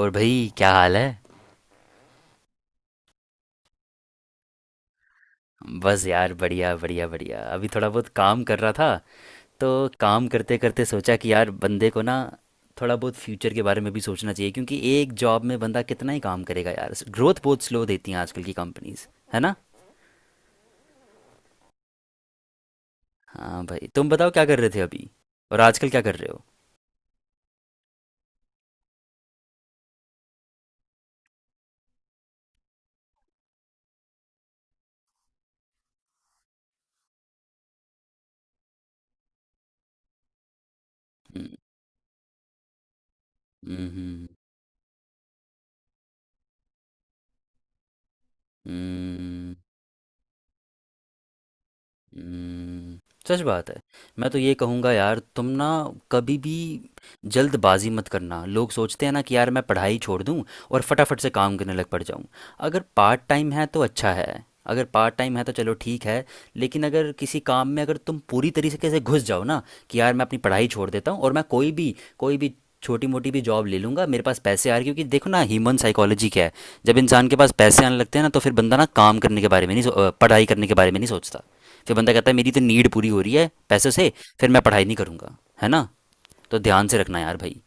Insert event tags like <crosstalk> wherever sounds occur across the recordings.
और भाई क्या हाल है? बस यार बढ़िया बढ़िया बढ़िया, अभी थोड़ा बहुत काम कर रहा था तो काम करते करते सोचा कि यार बंदे को ना थोड़ा बहुत फ्यूचर के बारे में भी सोचना चाहिए, क्योंकि एक जॉब में बंदा कितना ही काम करेगा यार, ग्रोथ बहुत स्लो देती हैं आजकल की कंपनीज। है ना? हाँ भाई, तुम बताओ क्या कर रहे थे अभी, और आजकल क्या कर रहे हो? हम्म, हम्म, हम्म, हम्म, सच बात है। मैं तो ये कहूँगा यार, तुम ना कभी भी जल्दबाजी मत करना। लोग सोचते हैं ना कि यार मैं पढ़ाई छोड़ दूँ और फटाफट से काम करने लग पड़ जाऊँ। अगर पार्ट टाइम है तो अच्छा है, अगर पार्ट टाइम है तो चलो ठीक है, लेकिन अगर किसी काम में अगर तुम पूरी तरीके से घुस जाओ ना, कि यार मैं अपनी पढ़ाई छोड़ देता हूँ और मैं कोई भी छोटी मोटी भी जॉब ले लूँगा, मेरे पास पैसे आ रहे, क्योंकि देखो ना, ह्यूमन साइकोलॉजी क्या है, जब इंसान के पास पैसे आने लगते हैं ना, तो फिर बंदा ना काम करने के बारे में नहीं पढ़ाई करने के बारे में नहीं सोचता। फिर बंदा कहता है मेरी तो नीड पूरी हो रही है पैसों से, फिर मैं पढ़ाई नहीं करूंगा। है ना? तो ध्यान से रखना यार भाई।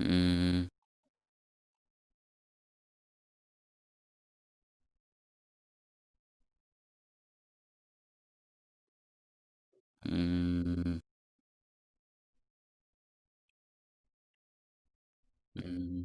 हम्म, हम्म, हम्म।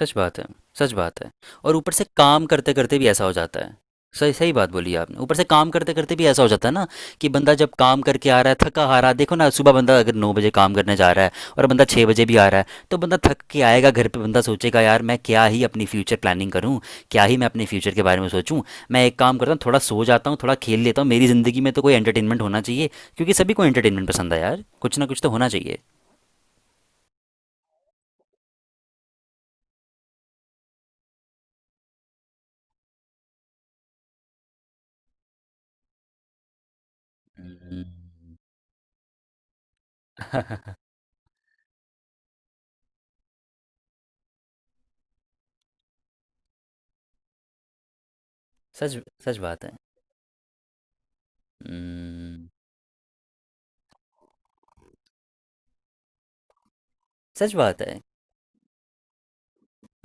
सच बात है, सच बात है। और ऊपर से काम करते करते भी ऐसा हो जाता है, सही सही बात बोली आपने, ऊपर से काम करते करते भी ऐसा हो जाता है ना, कि बंदा जब काम करके आ रहा है, थका आ रहा है। देखो ना, सुबह बंदा अगर 9 बजे काम करने जा रहा है और बंदा 6 बजे भी आ रहा है, तो बंदा थक के आएगा घर पे, बंदा सोचेगा यार मैं क्या ही अपनी फ्यूचर प्लानिंग करूँ, क्या ही मैं अपने फ्यूचर के बारे में सोचूँ। मैं एक काम करता हूँ थोड़ा सो जाता हूँ, थोड़ा खेल लेता हूँ, मेरी ज़िंदगी में तो कोई एंटरटेनमेंट होना चाहिए, क्योंकि सभी को एंटरटेनमेंट पसंद है यार, कुछ ना कुछ तो होना चाहिए। <laughs> हम्म। सच सच बात है। हम्म, सच बात है।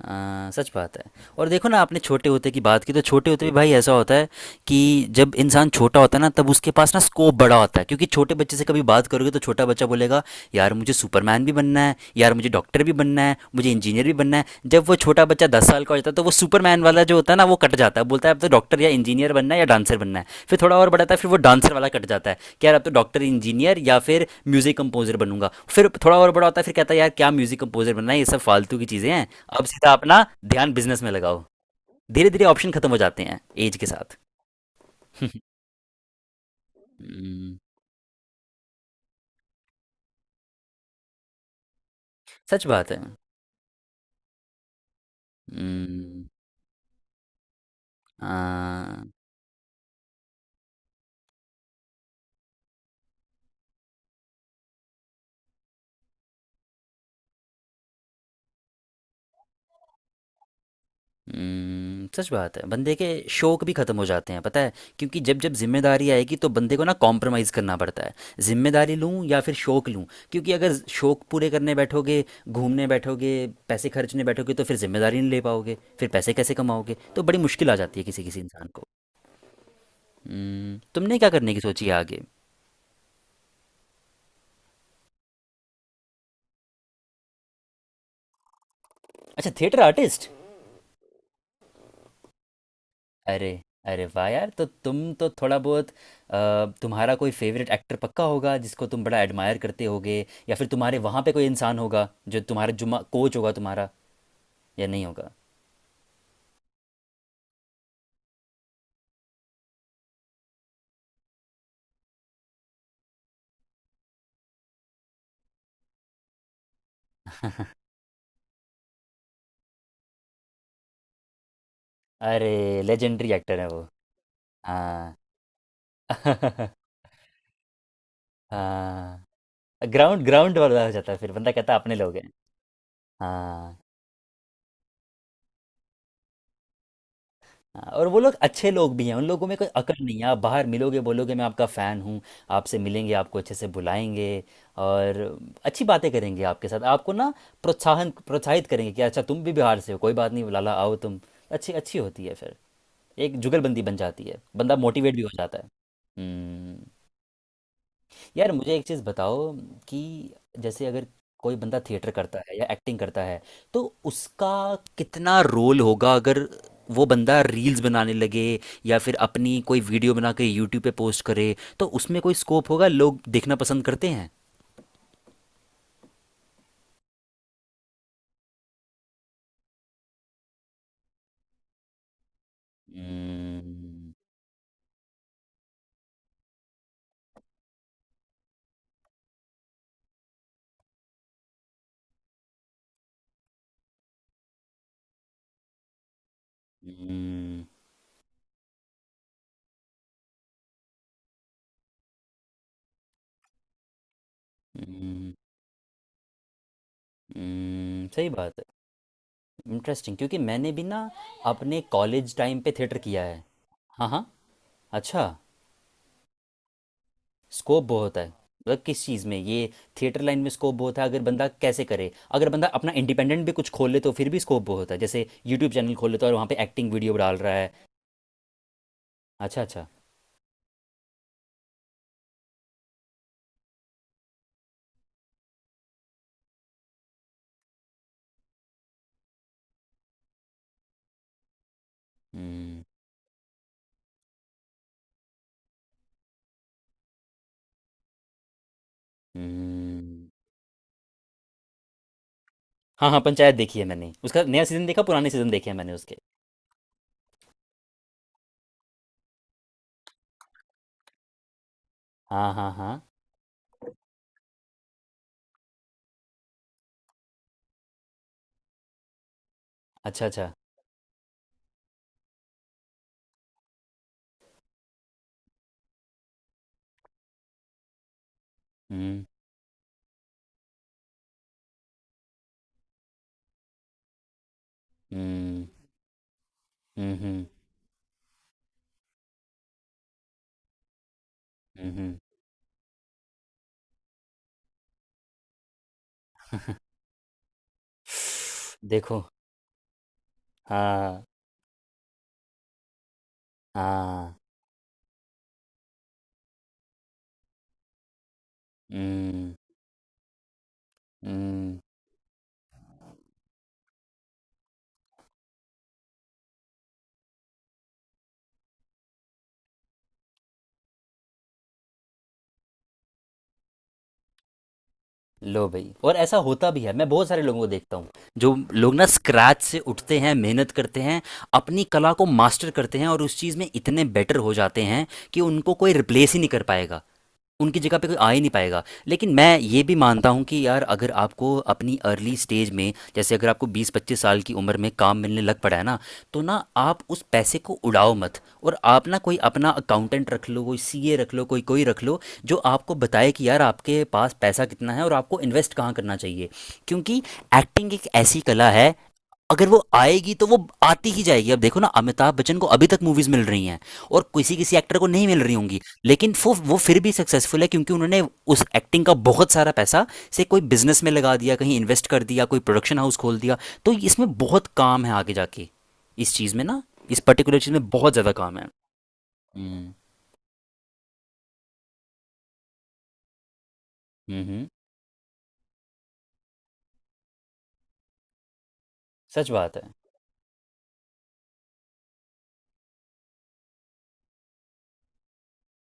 सच बात है। और देखो ना, आपने छोटे होते की बात की, तो छोटे होते भी भाई ऐसा होता है कि जब इंसान छोटा होता है ना, तब उसके पास ना स्कोप बड़ा होता है। क्योंकि छोटे बच्चे से कभी बात करोगे तो छोटा बच्चा बोलेगा, यार मुझे सुपरमैन भी बनना है, यार मुझे डॉक्टर भी बनना है, मुझे इंजीनियर भी बनना है। जब वो छोटा बच्चा 10 साल का हो जाता है, तो वो सुपरमैन वाला जो होता है ना, वो कट जाता है, बोलता है अब तो डॉक्टर या इंजीनियर बनना है या डांसर बनना है। फिर थोड़ा और बढ़ाता है, फिर वो डांसर वाला कट जाता है, कि यार अब तो डॉक्टर इंजीनियर या फिर म्यूज़िक कंपोजर बनूंगा। फिर थोड़ा और बड़ा होता है, फिर कहता है यार क्या म्यूज़िक कंपोजर बनना है, ये सब फालतू की चीज़ें हैं, अब सीधा अपना ध्यान बिजनेस में लगाओ। धीरे धीरे ऑप्शन खत्म हो जाते हैं एज के साथ। <laughs> हम्म, सच बात है। हम्म, आ, सच बात है। बंदे के शौक भी खत्म हो जाते हैं पता है, क्योंकि जब जब जिम्मेदारी आएगी तो बंदे को ना कॉम्प्रोमाइज़ करना पड़ता है, जिम्मेदारी लूं या फिर शौक लूं। क्योंकि अगर शौक पूरे करने बैठोगे, घूमने बैठोगे, पैसे खर्चने बैठोगे, तो फिर जिम्मेदारी नहीं ले पाओगे, फिर पैसे कैसे कमाओगे, तो बड़ी मुश्किल आ जाती है किसी किसी इंसान को। तुमने क्या करने की सोची है आगे? अच्छा, थिएटर आर्टिस्ट। अरे, अरे वाह यार, तो तुम तो थोड़ा बहुत तुम्हारा कोई फेवरेट एक्टर पक्का होगा जिसको तुम बड़ा एडमायर करते होगे, या फिर तुम्हारे वहाँ पे कोई इंसान होगा जो तुम्हारा जुम्मा कोच होगा तुम्हारा, या नहीं होगा? अरे, लेजेंडरी एक्टर है वो। हाँ। <laughs> हाँ, ग्राउंड ग्राउंड वाला हो जाता है फिर, बंदा कहता है अपने लोग हैं। हाँ। हाँ, और वो लोग अच्छे लोग भी हैं, उन लोगों में कोई अकल नहीं है। आप बाहर मिलोगे, बोलोगे मैं आपका फ़ैन हूँ, आपसे मिलेंगे, आपको अच्छे से बुलाएंगे, और अच्छी बातें करेंगे आपके साथ, आपको ना प्रोत्साहन प्रोत्साहित करेंगे कि अच्छा तुम भी बिहार से हो, कोई बात नहीं लाला आओ तुम। अच्छी अच्छी होती है फिर, एक जुगलबंदी बन जाती है, बंदा मोटिवेट भी हो जाता है। हम्म। यार मुझे एक चीज़ बताओ, कि जैसे अगर कोई बंदा थिएटर करता है या एक्टिंग करता है, तो उसका कितना रोल होगा अगर वो बंदा रील्स बनाने लगे, या फिर अपनी कोई वीडियो बना के यूट्यूब पे पोस्ट करे, तो उसमें कोई स्कोप होगा, लोग देखना पसंद करते हैं? हम्म, हम्म, हम्म, सही बात है। इंटरेस्टिंग, क्योंकि मैंने भी ना अपने कॉलेज टाइम पे थिएटर किया है। हाँ हाँ। अच्छा, स्कोप बहुत है मतलब किस चीज़ में ये, थिएटर लाइन में स्कोप बहुत है? अगर बंदा कैसे करे, अगर बंदा अपना इंडिपेंडेंट भी कुछ खोल ले तो फिर भी स्कोप बहुत है, जैसे यूट्यूब चैनल खोल लेता है और वहाँ पे एक्टिंग वीडियो डाल रहा है। अच्छा अच्छा। हम्म, हम्म। हाँ हाँ, पंचायत देखी है मैंने, उसका नया सीज़न देखा, पुराने सीज़न देखे हैं मैंने उसके। हाँ हाँ हाँ। अच्छा अच्छा। हम्म, हम्म, हम्म, हम्म, हम्म, हम्म। देखो। हाँ, हाँ। हम्म, हम्म। लो भाई, और ऐसा होता भी है, मैं बहुत सारे लोगों को देखता हूँ जो लोग ना स्क्रैच से उठते हैं, मेहनत करते हैं, अपनी कला को मास्टर करते हैं, और उस चीज़ में इतने बेटर हो जाते हैं कि उनको कोई रिप्लेस ही नहीं कर पाएगा, उनकी जगह पे कोई आ ही नहीं पाएगा। लेकिन मैं ये भी मानता हूँ कि यार अगर आपको अपनी अर्ली स्टेज में, जैसे अगर आपको 20-25 साल की उम्र में काम मिलने लग पड़ा है ना, तो ना आप उस पैसे को उड़ाओ मत, और आप ना कोई अपना अकाउंटेंट रख लो, कोई सीए रख लो, कोई कोई रख लो, जो आपको बताए कि यार आपके पास पैसा कितना है और आपको इन्वेस्ट कहाँ करना चाहिए। क्योंकि एक्टिंग एक ऐसी कला है, अगर वो आएगी तो वो आती ही जाएगी। अब देखो ना, अमिताभ बच्चन को अभी तक मूवीज मिल रही हैं, और किसी किसी एक्टर को नहीं मिल रही होंगी, लेकिन वो फिर भी सक्सेसफुल है, क्योंकि उन्होंने उस एक्टिंग का बहुत सारा पैसा से कोई बिजनेस में लगा दिया, कहीं इन्वेस्ट कर दिया, कोई प्रोडक्शन हाउस खोल दिया। तो इसमें बहुत काम है आगे जाके, इस चीज़ में ना, इस पर्टिकुलर चीज़ में बहुत ज़्यादा काम है। हम्म, हम्म, सच बात है।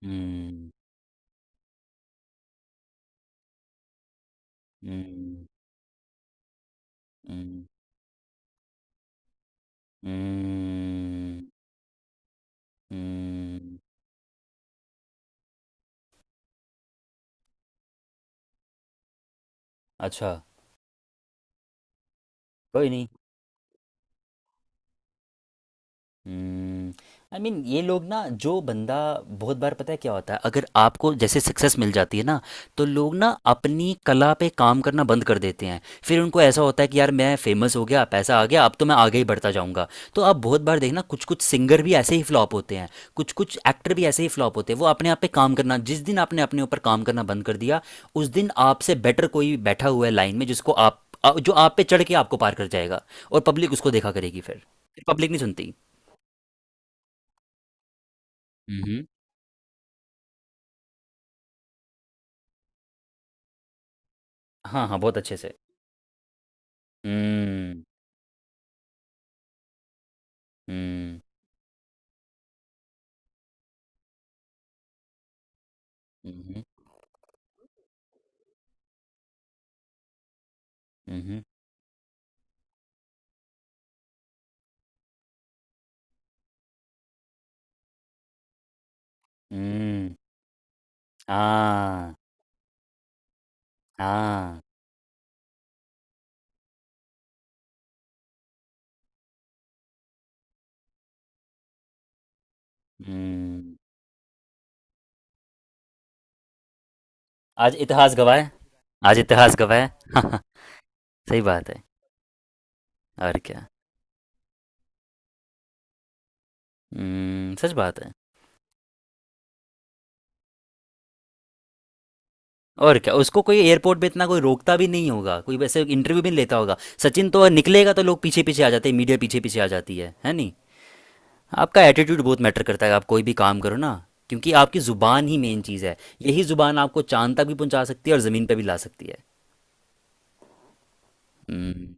हम्म, हम्म, हम्म, हम्म, हम्म, अच्छा। कोई नहीं। हम्म, आई मीन, ये लोग ना, जो बंदा, बहुत बार पता है क्या होता है, अगर आपको जैसे सक्सेस मिल जाती है ना, तो लोग ना अपनी कला पे काम करना बंद कर देते हैं। फिर उनको ऐसा होता है कि यार मैं फेमस हो गया, पैसा आ गया, अब तो मैं आगे ही बढ़ता जाऊंगा। तो आप बहुत बार देखना, कुछ कुछ सिंगर भी ऐसे ही फ्लॉप होते हैं, कुछ कुछ एक्टर भी ऐसे ही फ्लॉप होते हैं। वो अपने आप पे काम करना, जिस दिन आपने अपने ऊपर काम करना बंद कर दिया, उस दिन आपसे बेटर कोई बैठा हुआ है लाइन में, जिसको आप जो आप पे चढ़ के आपको पार कर जाएगा, और पब्लिक उसको देखा करेगी फिर, पब्लिक नहीं सुनती। हुँ, हुँ। हाँ, हाँ, बहुत अच्छे से। हुँ, हुँ, हुँ, हुँ, हुँ, हुँ, हुँ। हाँ, हाँ, हुँ। आज इतिहास गवाए, आज इतिहास गवाए। <laughs> सही बात है, और क्या। हुँ, सच बात है। और क्या, उसको कोई एयरपोर्ट पे इतना कोई रोकता भी नहीं होगा, कोई वैसे इंटरव्यू भी नहीं लेता होगा। सचिन तो निकलेगा तो लोग पीछे-पीछे आ जाते हैं, मीडिया पीछे-पीछे आ जाती है नहीं? आपका एटीट्यूड बहुत मैटर करता है आप कोई भी काम करो ना, क्योंकि आपकी ज़ुबान ही मेन चीज़ है, यही ज़ुबान आपको चांद तक भी पहुंचा सकती है और ज़मीन पे भी ला सकती है। हम्म,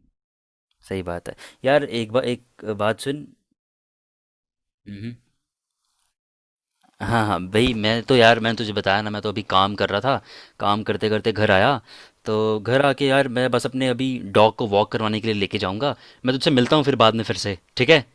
सही बात है। यार एक बार एक बात सुन। हम्म, हाँ हाँ भाई, मैं तो यार मैंने तुझे बताया ना, मैं तो अभी काम कर रहा था, काम करते करते घर आया, तो घर आके यार मैं बस अपने अभी डॉग को वॉक करवाने के लिए लेके जाऊंगा। मैं तुझसे मिलता हूँ फिर बाद में फिर से, ठीक है?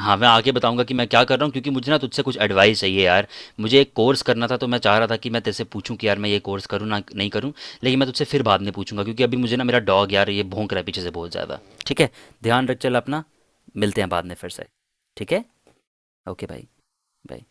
हाँ, मैं आगे बताऊँगा कि मैं क्या कर रहा हूँ, क्योंकि मुझे ना तुझसे कुछ एडवाइस चाहिए यार। मुझे एक कोर्स करना था, तो मैं चाह रहा था कि मैं तेरे से पूछूँ कि यार मैं ये कोर्स करूँ ना नहीं करूँ? लेकिन मैं तुझसे फिर बाद में पूछूँगा, क्योंकि अभी मुझे ना मेरा डॉग यार ये भौंक रहा है पीछे से बहुत ज़्यादा। ठीक है? ध्यान रख, चल अपना। मिलते हैं बाद में फिर से। ठीक है? ओके भाई, बाय।